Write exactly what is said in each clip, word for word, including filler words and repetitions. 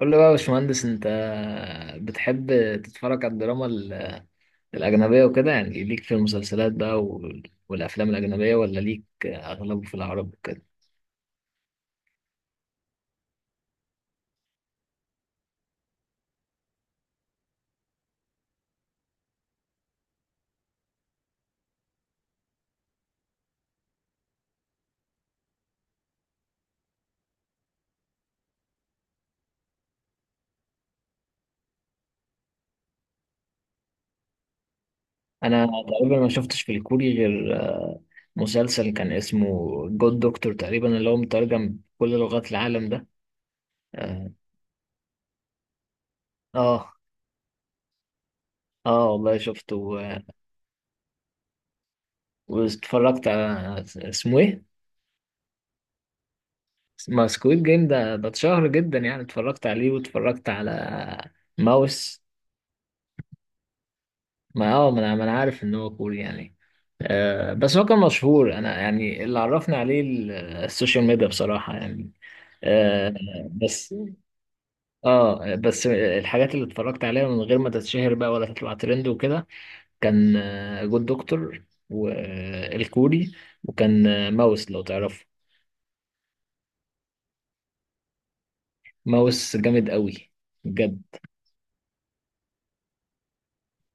قول لي بقى يا باشمهندس انت بتحب تتفرج على الدراما ال- الأجنبية وكده، يعني ليك في المسلسلات بقى وال- والأفلام الأجنبية، ولا ليك أغلبه في العرب وكده؟ أنا تقريبا ما شفتش في الكوري غير آه، مسلسل كان اسمه جود دكتور، تقريبا اللي هو مترجم كل لغات العالم ده. اه. اه، آه، والله شفته و- واتفرجت على اسمه ايه؟ ما سكويد جيم ده ده اتشهر جدا يعني، اتفرجت عليه واتفرجت على ماوس. ما اه ما انا ما أنا عارف ان هو كوري يعني، آه، بس هو كان مشهور. انا يعني اللي عرفني عليه ال- السوشيال ميديا بصراحة يعني. آه. بس اه، بس الحاجات اللي اتفرجت عليها من غير ما تتشهر بقى ولا تطلع ترند وكده كان آه، جود دكتور والكوري، وكان آه، ماوس، لو تعرفه. ماوس جامد قوي بجد.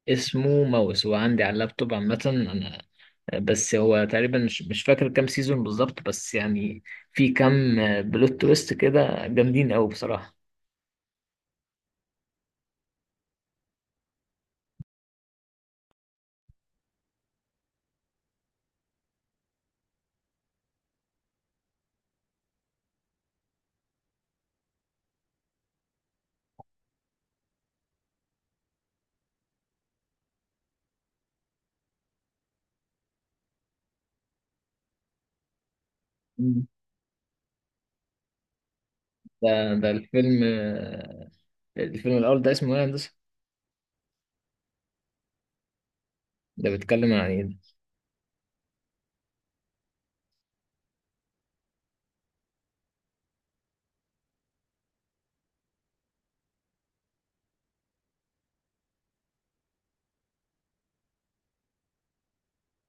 اسمه ماوس، هو عندي على اللابتوب عامة انا. بس هو تقريبا مش مش فاكر كام سيزون بالظبط، بس يعني في كام بلوت تويست كده جامدين قوي بصراحة. مم. ده ده الفيلم آه، الفيلم الأول ده اسمه إيه يا هندسة؟ ده بيتكلم عن إيه ده؟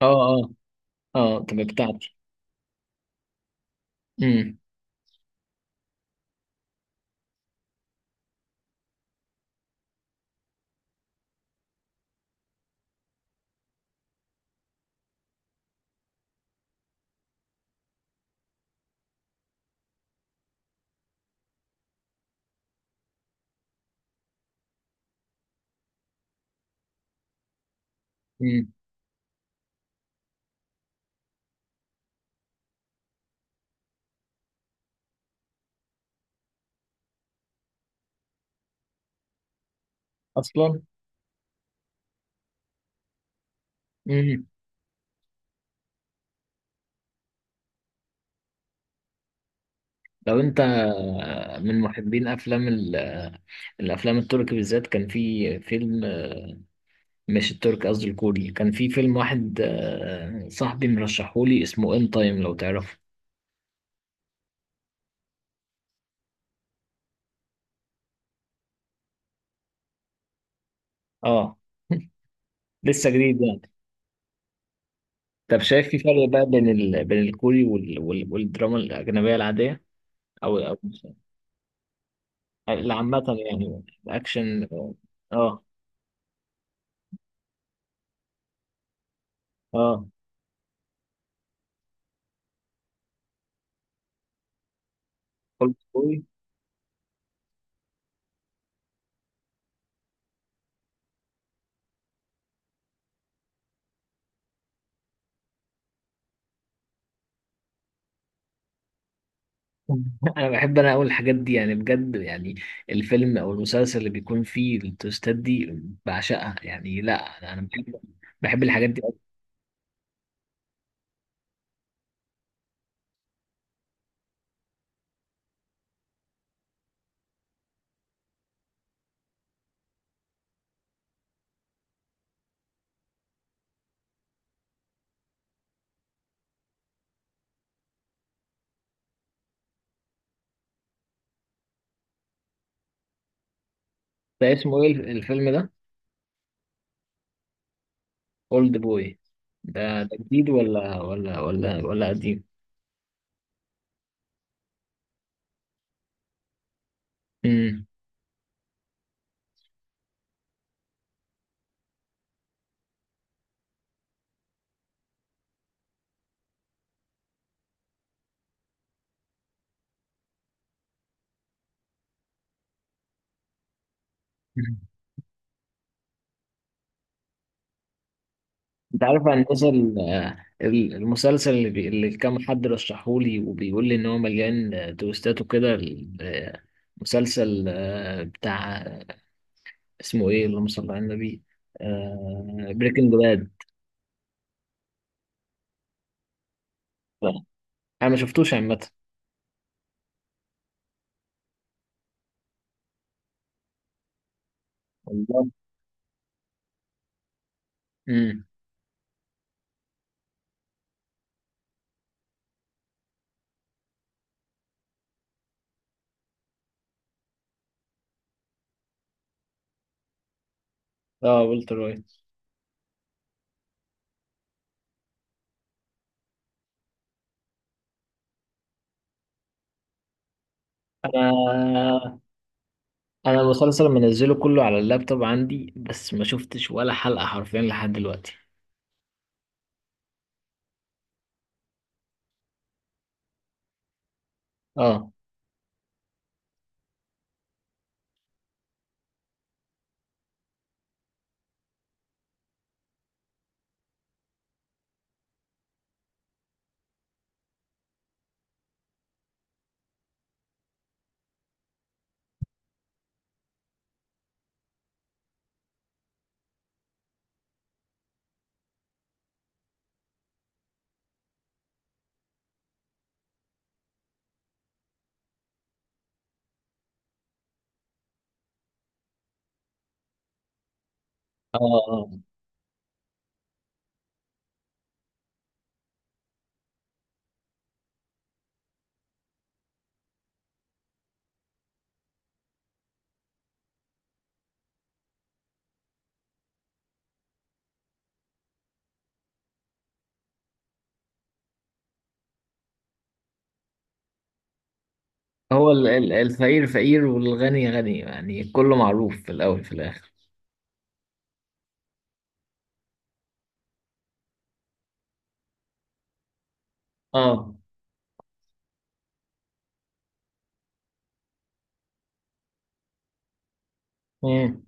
آه. آه. آه طب بتاعتي. أمم. أمم. أصلا. أمم. لو أنت آه، من محبين أفلام ال- آه، الأفلام التركي بالذات، كان في فيلم آه، مش التركي قصدي الكوري، كان في فيلم واحد آه، صاحبي مرشحولي اسمه إن تايم، لو تعرفه. اه. لسه جديد يعني. طب شايف في فرق بقى بين ال... بين الكوري وال... وال... والدراما الأجنبية العادية، أو أو اللي عامة يعني الأكشن؟ اه. اه. كله كوري. أنا بحب، أنا أقول الحاجات دي يعني بجد يعني، الفيلم أو المسلسل اللي بيكون فيه التويستات دي بعشقها يعني. لا، أنا أنا بحب، بحب الحاجات دي أكتر. ده اسمه إيه الفيلم ده؟ أولد بوي. ده ده جديد ولا ولا ولا ولا قديم؟ مم. انت عارف يا هندسه ال- ال- المسلسل اللي, بي... اللي كام حد رشحهولي وبيقول لي ان هو مليان آه، تويستات وكده، ال- آه، مسلسل آه، بتاع اسمه ايه، اللهم صل على النبي، بريكنج باد؟ انا ما شفتوش عامه. والله. امم. اه، والتر وايت. انا انا المسلسل منزله كله على اللابتوب عندي، بس ما شفتش ولا حلقه حرفيا لحد دلوقتي. اه. اه. هو ال- ال- الفقير فقير والغني غني يعني، كله معروف في الأول في الآخر. اه. مم.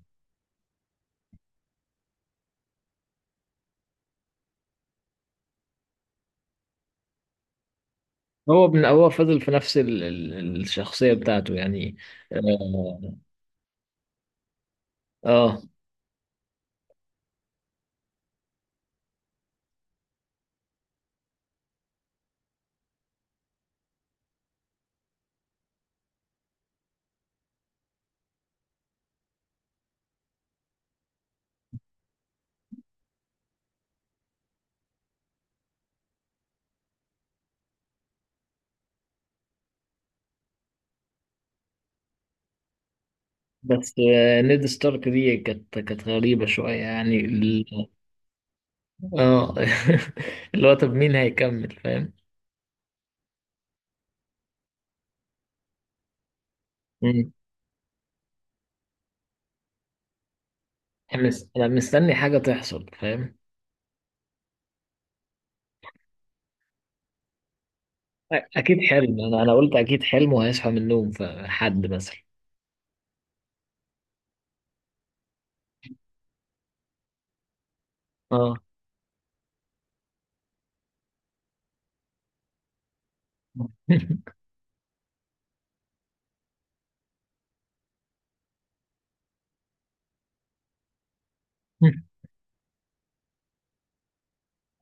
هو من هو فضل في نفس ال ال الشخصية بتاعته يعني. اه. آه. بس آه، نيد ستارك دي كانت كانت غريبة شوية يعني ال- اه. اللي هو طب مين هيكمل، فاهم؟ مم. احنا مس- انا مستني حاجة تحصل، فاهم؟ أ- اكيد حلم، انا انا قلت اكيد حلم وهيصحى من النوم، فحد مثلا. اه.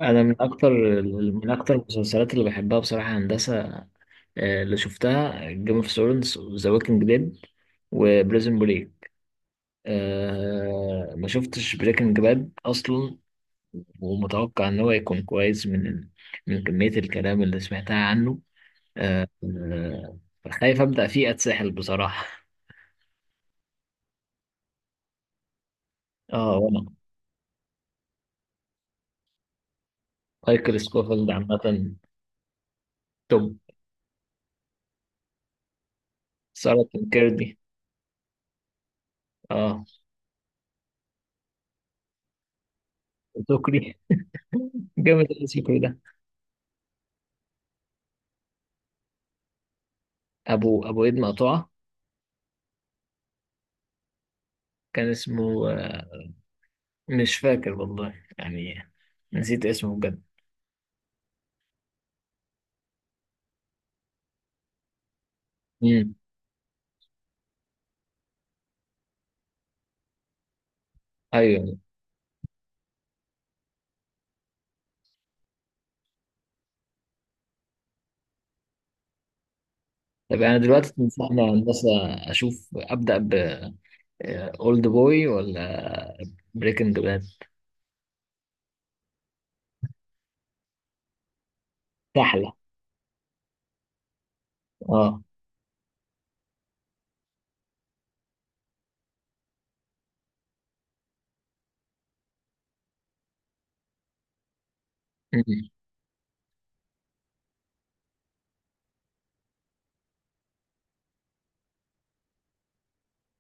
انا من اكتر، من اكتر المسلسلات اللي بحبها بصراحه هندسه آه، اللي شفتها جيم اوف ثرونز وذا ووكينج ديد وبريزن بريك. أه، ما شفتش بريكنج باد اصلا، ومتوقع ان هو يكون كويس من، من كميه الكلام اللي سمعتها عنه. أه. آه، خايف ابدا فيه اتسحل بصراحه. اه، وانا مايكل سكوفيلد عامه توب. ساره كيردي. اه. سكري. جامد الاسم ده. ابو ابو ايد مقطوعه. كان اسمه آه، مش فاكر والله يعني، نسيت اسمه بجد. امم. ايوه. طب انا دلوقتي تنصحني يا هندسه، اشوف ابدا ب اولد بوي ولا بريكنج باد؟ سهله. اه. مم.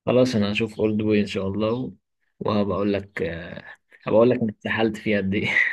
خلاص، انا هشوف اولد بوي ان شاء الله، و- وهبقى اقول لك آه، هبقى اقول لك انا اتسحلت فيها قد ايه.